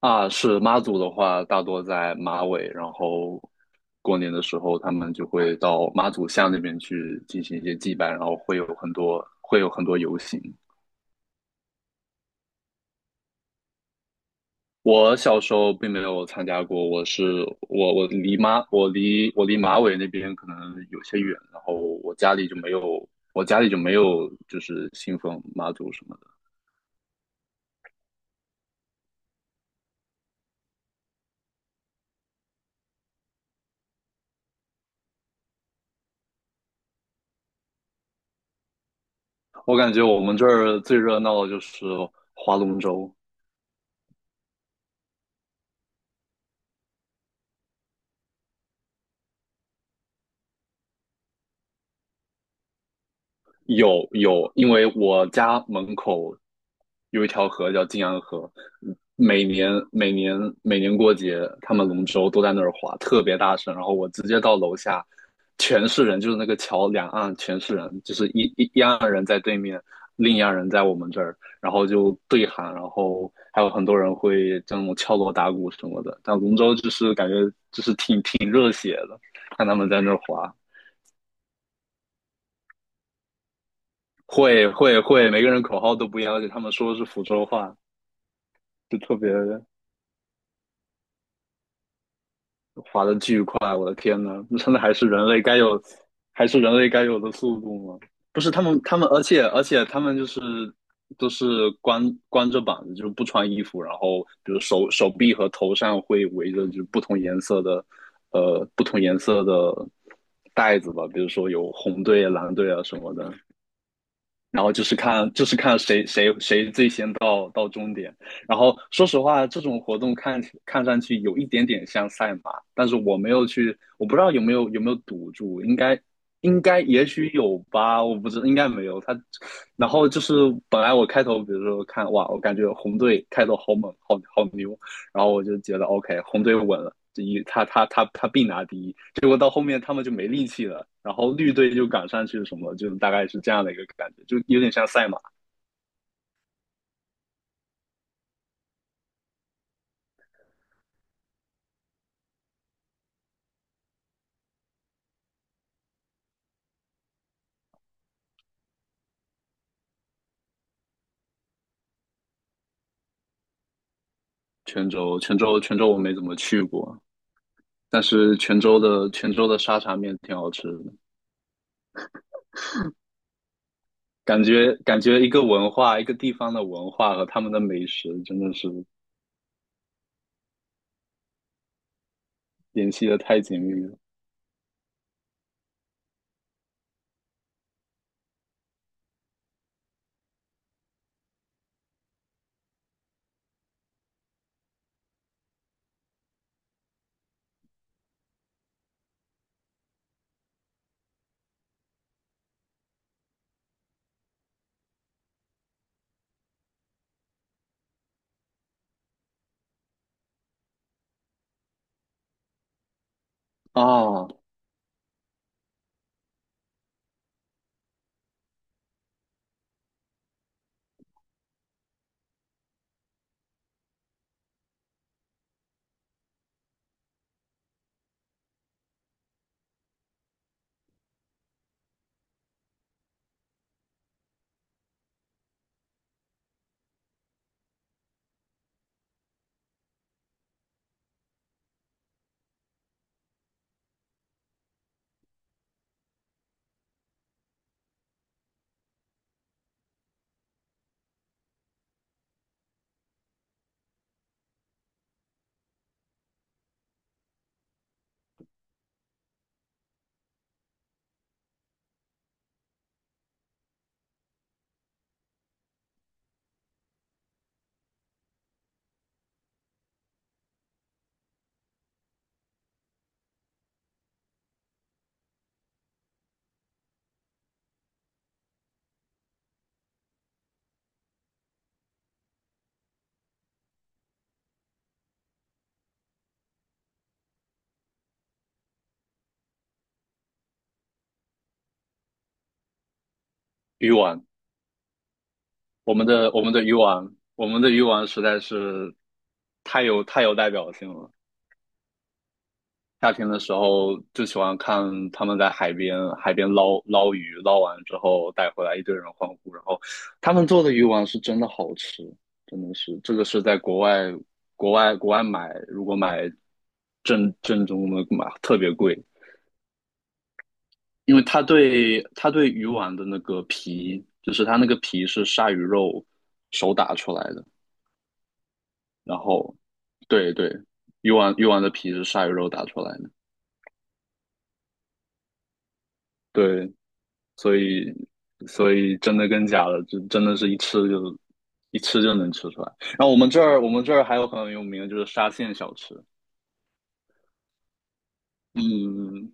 啊，是妈祖的话，大多在马尾，然后过年的时候，他们就会到妈祖像那边去进行一些祭拜，然后会有很多游行。我小时候并没有参加过，我是我我离妈我离我离马尾那边可能有些远，然后我家里就没有就是信奉妈祖什么的。我感觉我们这儿最热闹的就是划龙舟。有有，因为我家门口有一条河叫晋阳河，每年每年每年过节，他们龙舟都在那儿划，特别大声。然后我直接到楼下，全是人，就是那个桥两岸全是人，就是一岸人在对面，另一岸人在我们这儿，然后就对喊，然后还有很多人会这种敲锣打鼓什么的。但龙舟就是感觉看他们在那儿划。会会会，每个人口号都不一样，而且他们说的是福州话。就特别滑的巨快，我的天呐，那真的还是人类该有的速度吗？不是他们，他们，而且他们就是都是光着膀子，就是不穿衣服，然后比如手臂和头上会围着就是不同颜色的，呃，不同颜色的袋子吧，比如说有红队、蓝队啊什么的。然后就是看谁最先到终点。然后说实话，这种活动看上去有一点点像赛马，但是我没有去，我不知道有没有赌注，应该应该也许有吧，我不知道应该没有。他，然后就是本来我开头比如说看哇，我感觉红队开头好猛，好牛，然后我就觉得 OK,红队稳了，第一他必拿第一。结果到后面他们就没力气了，然后绿队就赶上去什么，就大概是这样的一个感觉，就有点像赛马。泉州我没怎么去过，但是泉州的沙茶面挺好吃的，感觉一个文化，一个地方的文化和他们的美食真的是联系的太紧密了啊！鱼丸，我们的鱼丸，我们的鱼丸实在是太有代表性了。夏天的时候就喜欢看他们在海边捞鱼，捞完之后带回来，一堆人欢呼。然后他们做的鱼丸是真的好吃，真的是这个是在国外买，如果买正宗的买特别贵，因为它对鱼丸的那个皮，就是它那个皮是鲨鱼肉手打出来的，然后对对，鱼丸的皮是鲨鱼肉打出来的，对。所以真的跟假的，就真的是一吃就能吃出来。然后我们这儿还有很有名的就是沙县小吃。嗯，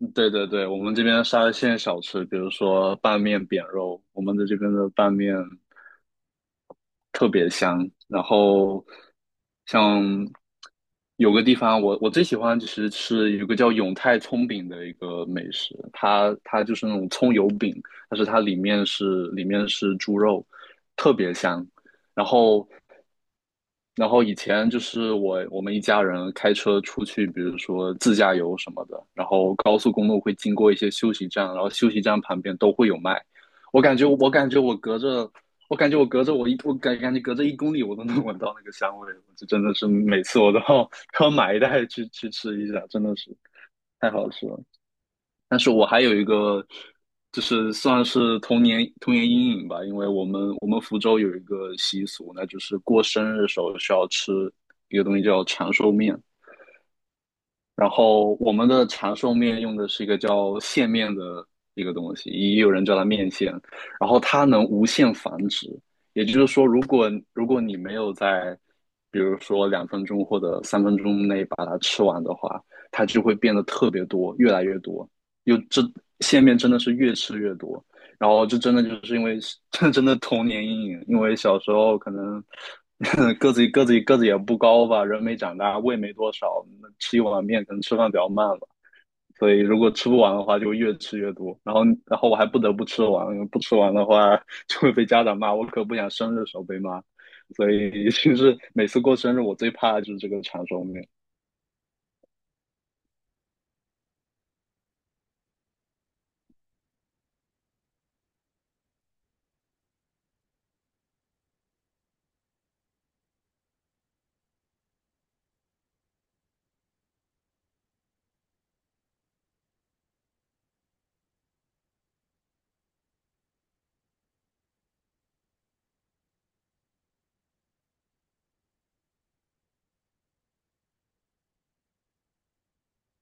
嗯对对对，我们这边沙县小吃，比如说拌面扁肉，我们的这边的拌面特别香。然后像有个地方我最喜欢就是吃有个叫永泰葱饼的一个美食，它就是那种葱油饼，但是它里面是里面是猪肉，特别香。然后以前就是我们一家人开车出去，比如说自驾游什么的，然后高速公路会经过一些休息站，然后休息站旁边都会有卖。我感觉我感觉我隔着，我感觉我隔着我一我感感觉隔着1公里我都能 闻到那个香味，这真的是每次我都要 都要买一袋去吃一下，真的是太好吃了。但是我还有一个，就是算是童年阴影吧，因为我们福州有一个习俗，那就是过生日的时候需要吃一个东西叫长寿面，然后我们的长寿面用的是一个叫线面的一个东西，也有人叫它面线。然后它能无限繁殖，也就是说，如果你没有在，比如说2分钟或者3分钟内把它吃完的话，它就会变得特别多，越来越多。又这线面真的是越吃越多，然后就真的就是因为这 真的童年阴影，因为小时候可能 个子也不高吧，人没长大，胃没多少，那吃一碗面可能吃饭比较慢了，所以如果吃不完的话，就越吃越多，然后我还不得不吃完，因为不吃完的话 就会被家长骂，我可不想生日的时候被骂，所以其是每次过生日我最怕的就是这个长寿面。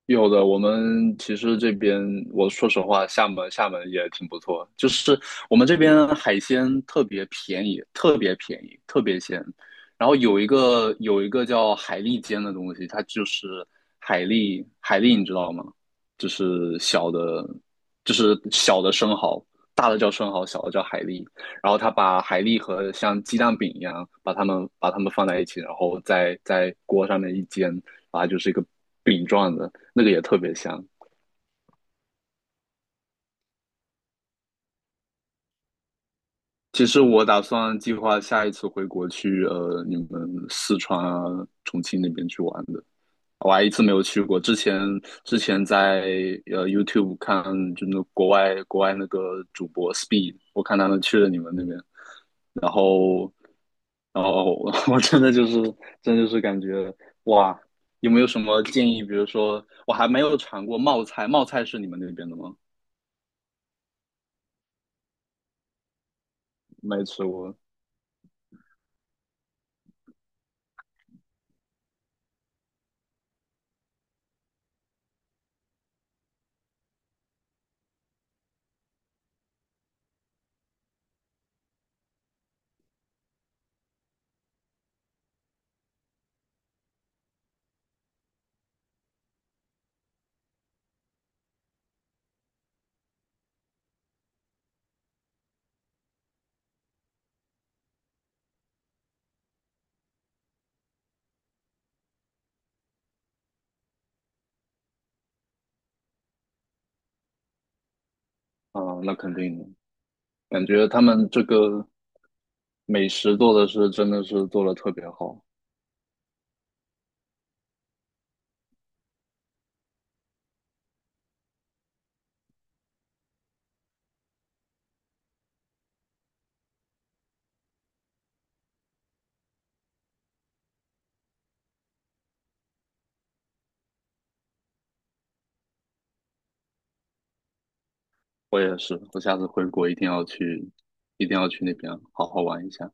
有的，我们其实这边，我说实话，厦门也挺不错，就是我们这边海鲜特别便宜，特别便宜，特别鲜。然后有一个叫海蛎煎的东西，它就是海蛎，海蛎你知道吗？就是小的，就是小的生蚝，大的叫生蚝，小的叫海蛎。然后他把海蛎和像鸡蛋饼一样，把它们放在一起，然后在锅上面一煎。啊，就是一个饼状的，那个也特别香。其实我打算计划下一次回国去你们四川啊、重庆那边去玩的，我还一次没有去过。之前在YouTube 看，就那国外那个主播 Speed,我看他们去了你们那边，然后然后我 我真的就是真的就是感觉哇，有没有什么建议？比如说我还没有尝过冒菜，冒菜是你们那边的吗？没吃过。啊，那肯定的，感觉他们这个美食做的是做的特别好。我也是，我下次回国一定要去，一定要去那边好好玩一下。